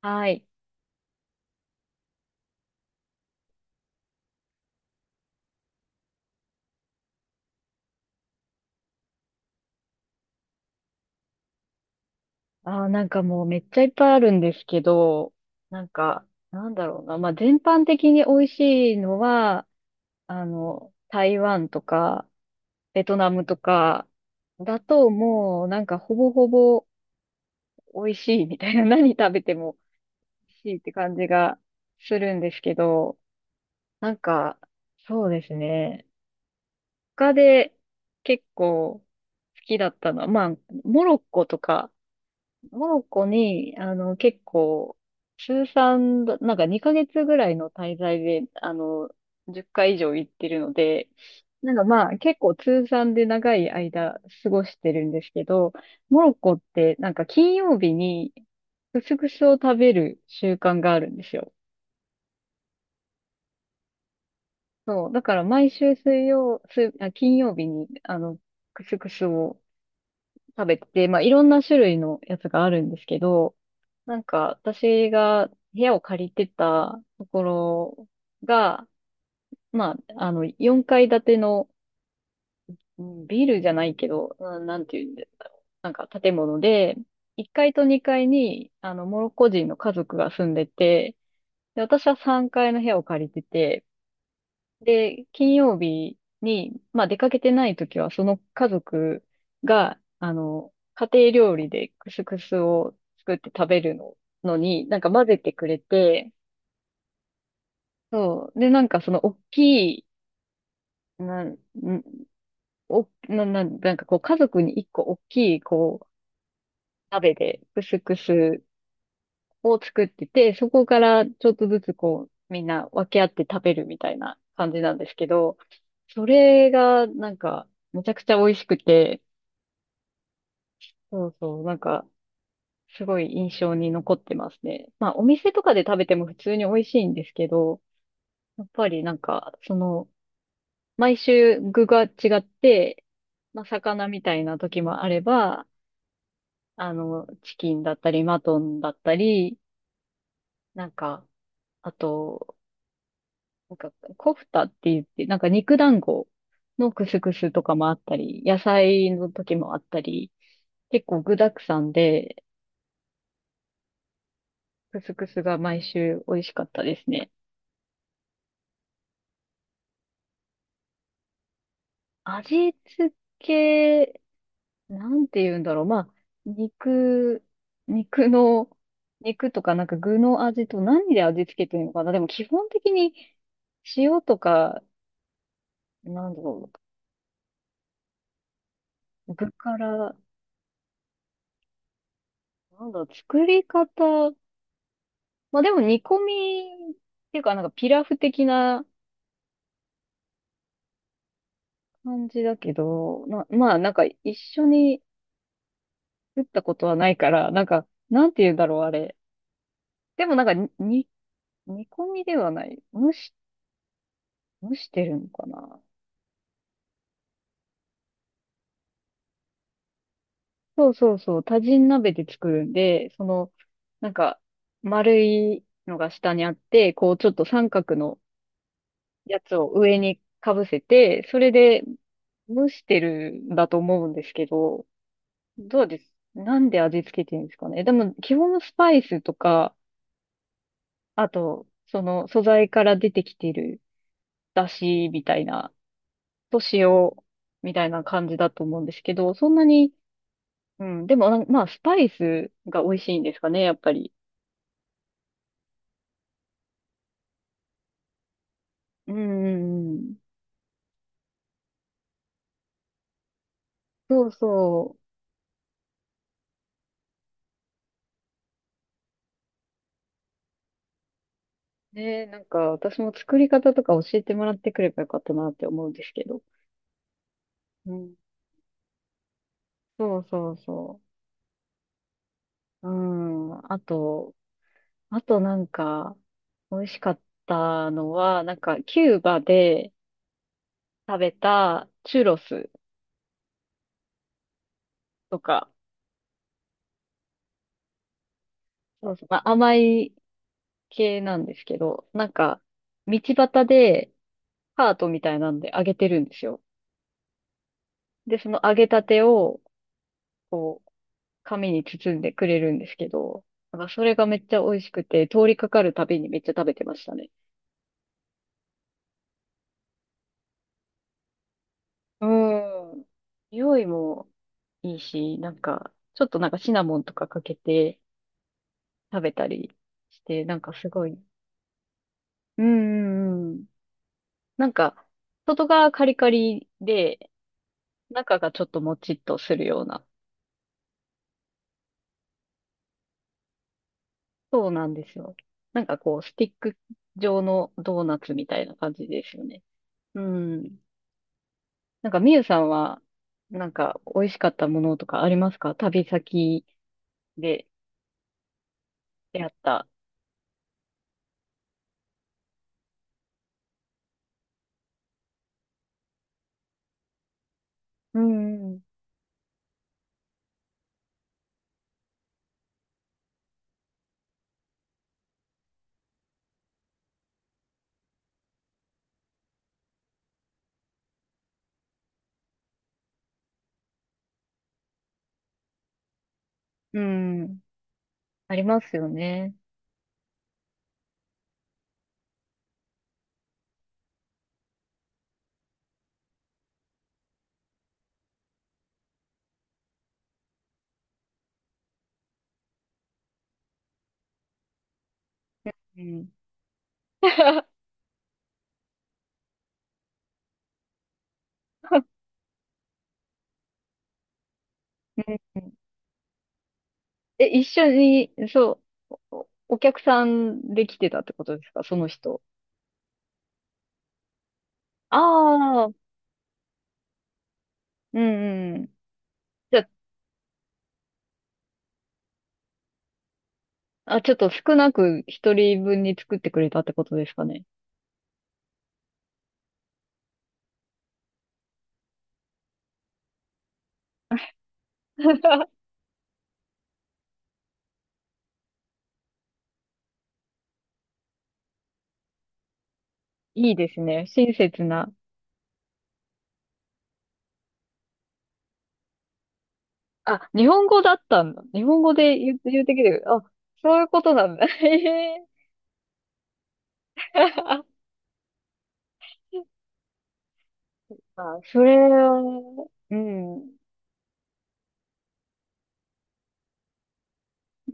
はい。なんかもうめっちゃいっぱいあるんですけど、なんか、なんだろうな。まあ、全般的に美味しいのは、台湾とか、ベトナムとか、だともうなんかほぼほぼ美味しいみたいな、何食べても美味しいって感じがするんですけど、なんか、そうですね。他で結構好きだったのは、まあ、モロッコとか、モロッコに、結構、通算なんか2ヶ月ぐらいの滞在で、10回以上行ってるので、なんかまあ、結構通算で長い間過ごしてるんですけど、モロッコって、なんか金曜日に、クスクスを食べる習慣があるんですよ。そう、だから毎週水曜、水、あ、金曜日に、クスクスを食べてて、まあ、いろんな種類のやつがあるんですけど、なんか、私が部屋を借りてたところが、まあ、4階建てのうんビルじゃないけど、なんていうんだろう。なんか建物で、1階と2階に、モロッコ人の家族が住んでて、で、私は3階の部屋を借りてて、で、金曜日に、まあ、出かけてない時は、その家族が、家庭料理でクスクスを作って食べるのに、なんか混ぜてくれて、そう。で、なんかその大きい、なん、んお、な、な、なんかこう家族に一個大きいこう鍋でクスクスを作ってて、そこからちょっとずつこうみんな分け合って食べるみたいな感じなんですけど、それがなんかめちゃくちゃ美味しくて、そうそう、なんかすごい印象に残ってますね。まあお店とかで食べても普通に美味しいんですけど、やっぱりなんかその毎週具が違って、まあ、魚みたいな時もあれば、チキンだったり、マトンだったり、なんか、あと、なんか、コフタって言って、なんか肉団子のクスクスとかもあったり、野菜の時もあったり、結構具沢山で、クスクスが毎週美味しかったですね。味付け、なんて言うんだろう。まあ、肉、肉の、肉とかなんか具の味と何で味付けてるのかな。でも基本的に塩とか、なんだろう、具から、なんだろう、作り方。まあでも煮込みっていうかなんかピラフ的な感じだけど、まあなんか一緒に作ったことはないから、なんか、なんて言うんだろう、あれ。でもなんか煮込みではない。蒸してるのかな。そうそうそう、多人鍋で作るんで、その、なんか、丸いのが下にあって、こう、ちょっと三角のやつを上にかぶせて、それで蒸してるんだと思うんですけど、どうです、なんで味付けてるんですかね。でも、基本スパイスとか、あと、その素材から出てきてる出汁みたいな、と塩みたいな感じだと思うんですけど、そんなに、うん、でも、まあ、スパイスが美味しいんですかね、やっぱり。うんうんうん。そうそう。ねえ、なんか私も作り方とか教えてもらってくればよかったなって思うんですけど。うん。そうそうそう。うん。あとなんか、美味しかったのは、なんか、キューバで食べたチュロスとか、そうそう、まあ、甘い系なんですけど、なんか、道端でハートみたいなんで揚げてるんですよ。で、その揚げたてを、こう、紙に包んでくれるんですけど、なんかそれがめっちゃ美味しくて、通りかかるたびにめっちゃ食べてましたね。うん。匂いもいいし、なんか、ちょっとなんかシナモンとかかけて食べたりして、なんかすごい。うんうんうん。なんか、外側カリカリで、中がちょっともちっとするような。そうなんですよ。なんかこう、スティック状のドーナツみたいな感じですよね。うん。なんか、みゆさんは、なんか、美味しかったものとかありますか旅先で出会った？うん、うん、ありますよね。うん。うんえ、一緒に、そう、お客さんで来てたってことですかその人？ああ、うんうん。じゃあ、ちょっと少なく一人分に作ってくれたってことですかね？いいですね。親切な。あ、日本語だったんだ。日本語で言うてきてる。あ、そういうことなんだ。へえ。まあ、それは、うん、う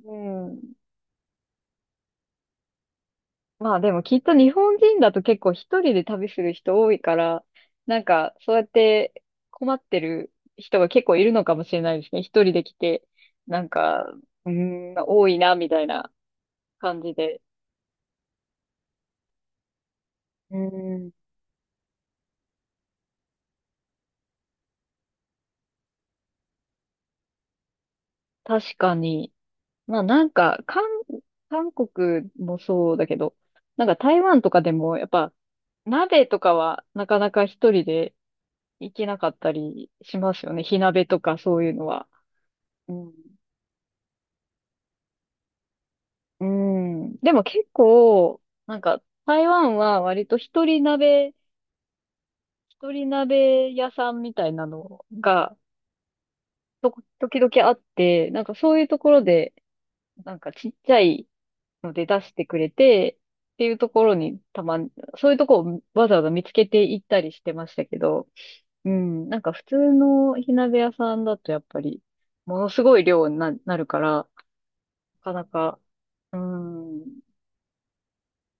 ん。まあでもきっと日本人だと結構一人で旅する人多いから、なんかそうやって困ってる人が結構いるのかもしれないですね。一人で来て、なんか、うーん、多いな、みたいな感じで。うん、確かに。まあなんか、韓国もそうだけど、なんか台湾とかでもやっぱ鍋とかはなかなか一人で行けなかったりしますよね。火鍋とかそういうのは。うん。うん。でも結構、なんか台湾は割と一人鍋屋さんみたいなのがと時々あって、なんかそういうところで、なんかちっちゃいので出してくれて、っていうところにたまん、そういうとこをわざわざ見つけていったりしてましたけど、うん、なんか普通の火鍋屋さんだとやっぱり、ものすごい量になるから、なかなか、うん、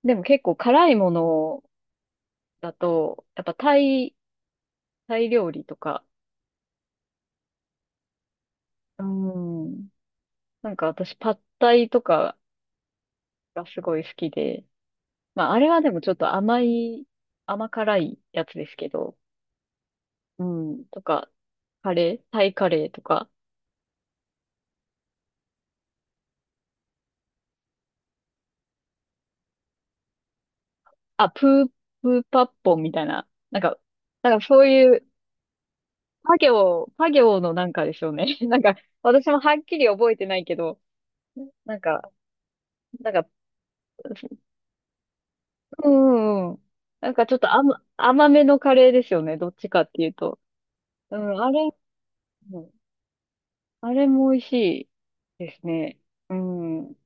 でも結構辛いものだと、やっぱタイ料理とか、うん、なんか私パッタイとかがすごい好きで、まああれはでもちょっと甘辛いやつですけど、うん、とか、カレー、タイカレーとか、あ、プーパッポンみたいな、なんか、なんかそういう、パ行、パ行のなんかでしょうね。なんか、私もはっきり覚えてないけど、なんか、なんか、うんうんうん。なんかちょっと甘めのカレーですよね。どっちかっていうと。うん、うんあれも美味しいですね。うん。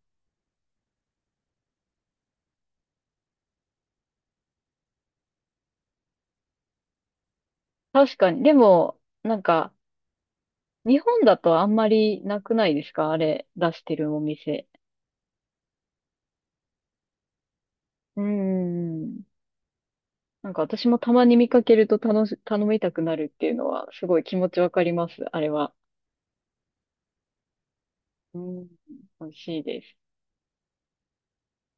確かに。でも、なんか、日本だとあんまりなくないですかあれ出してるお店？うーん。なんか私もたまに見かけると頼みたくなるっていうのはすごい気持ちわかります。あれは。うん。美味しいです。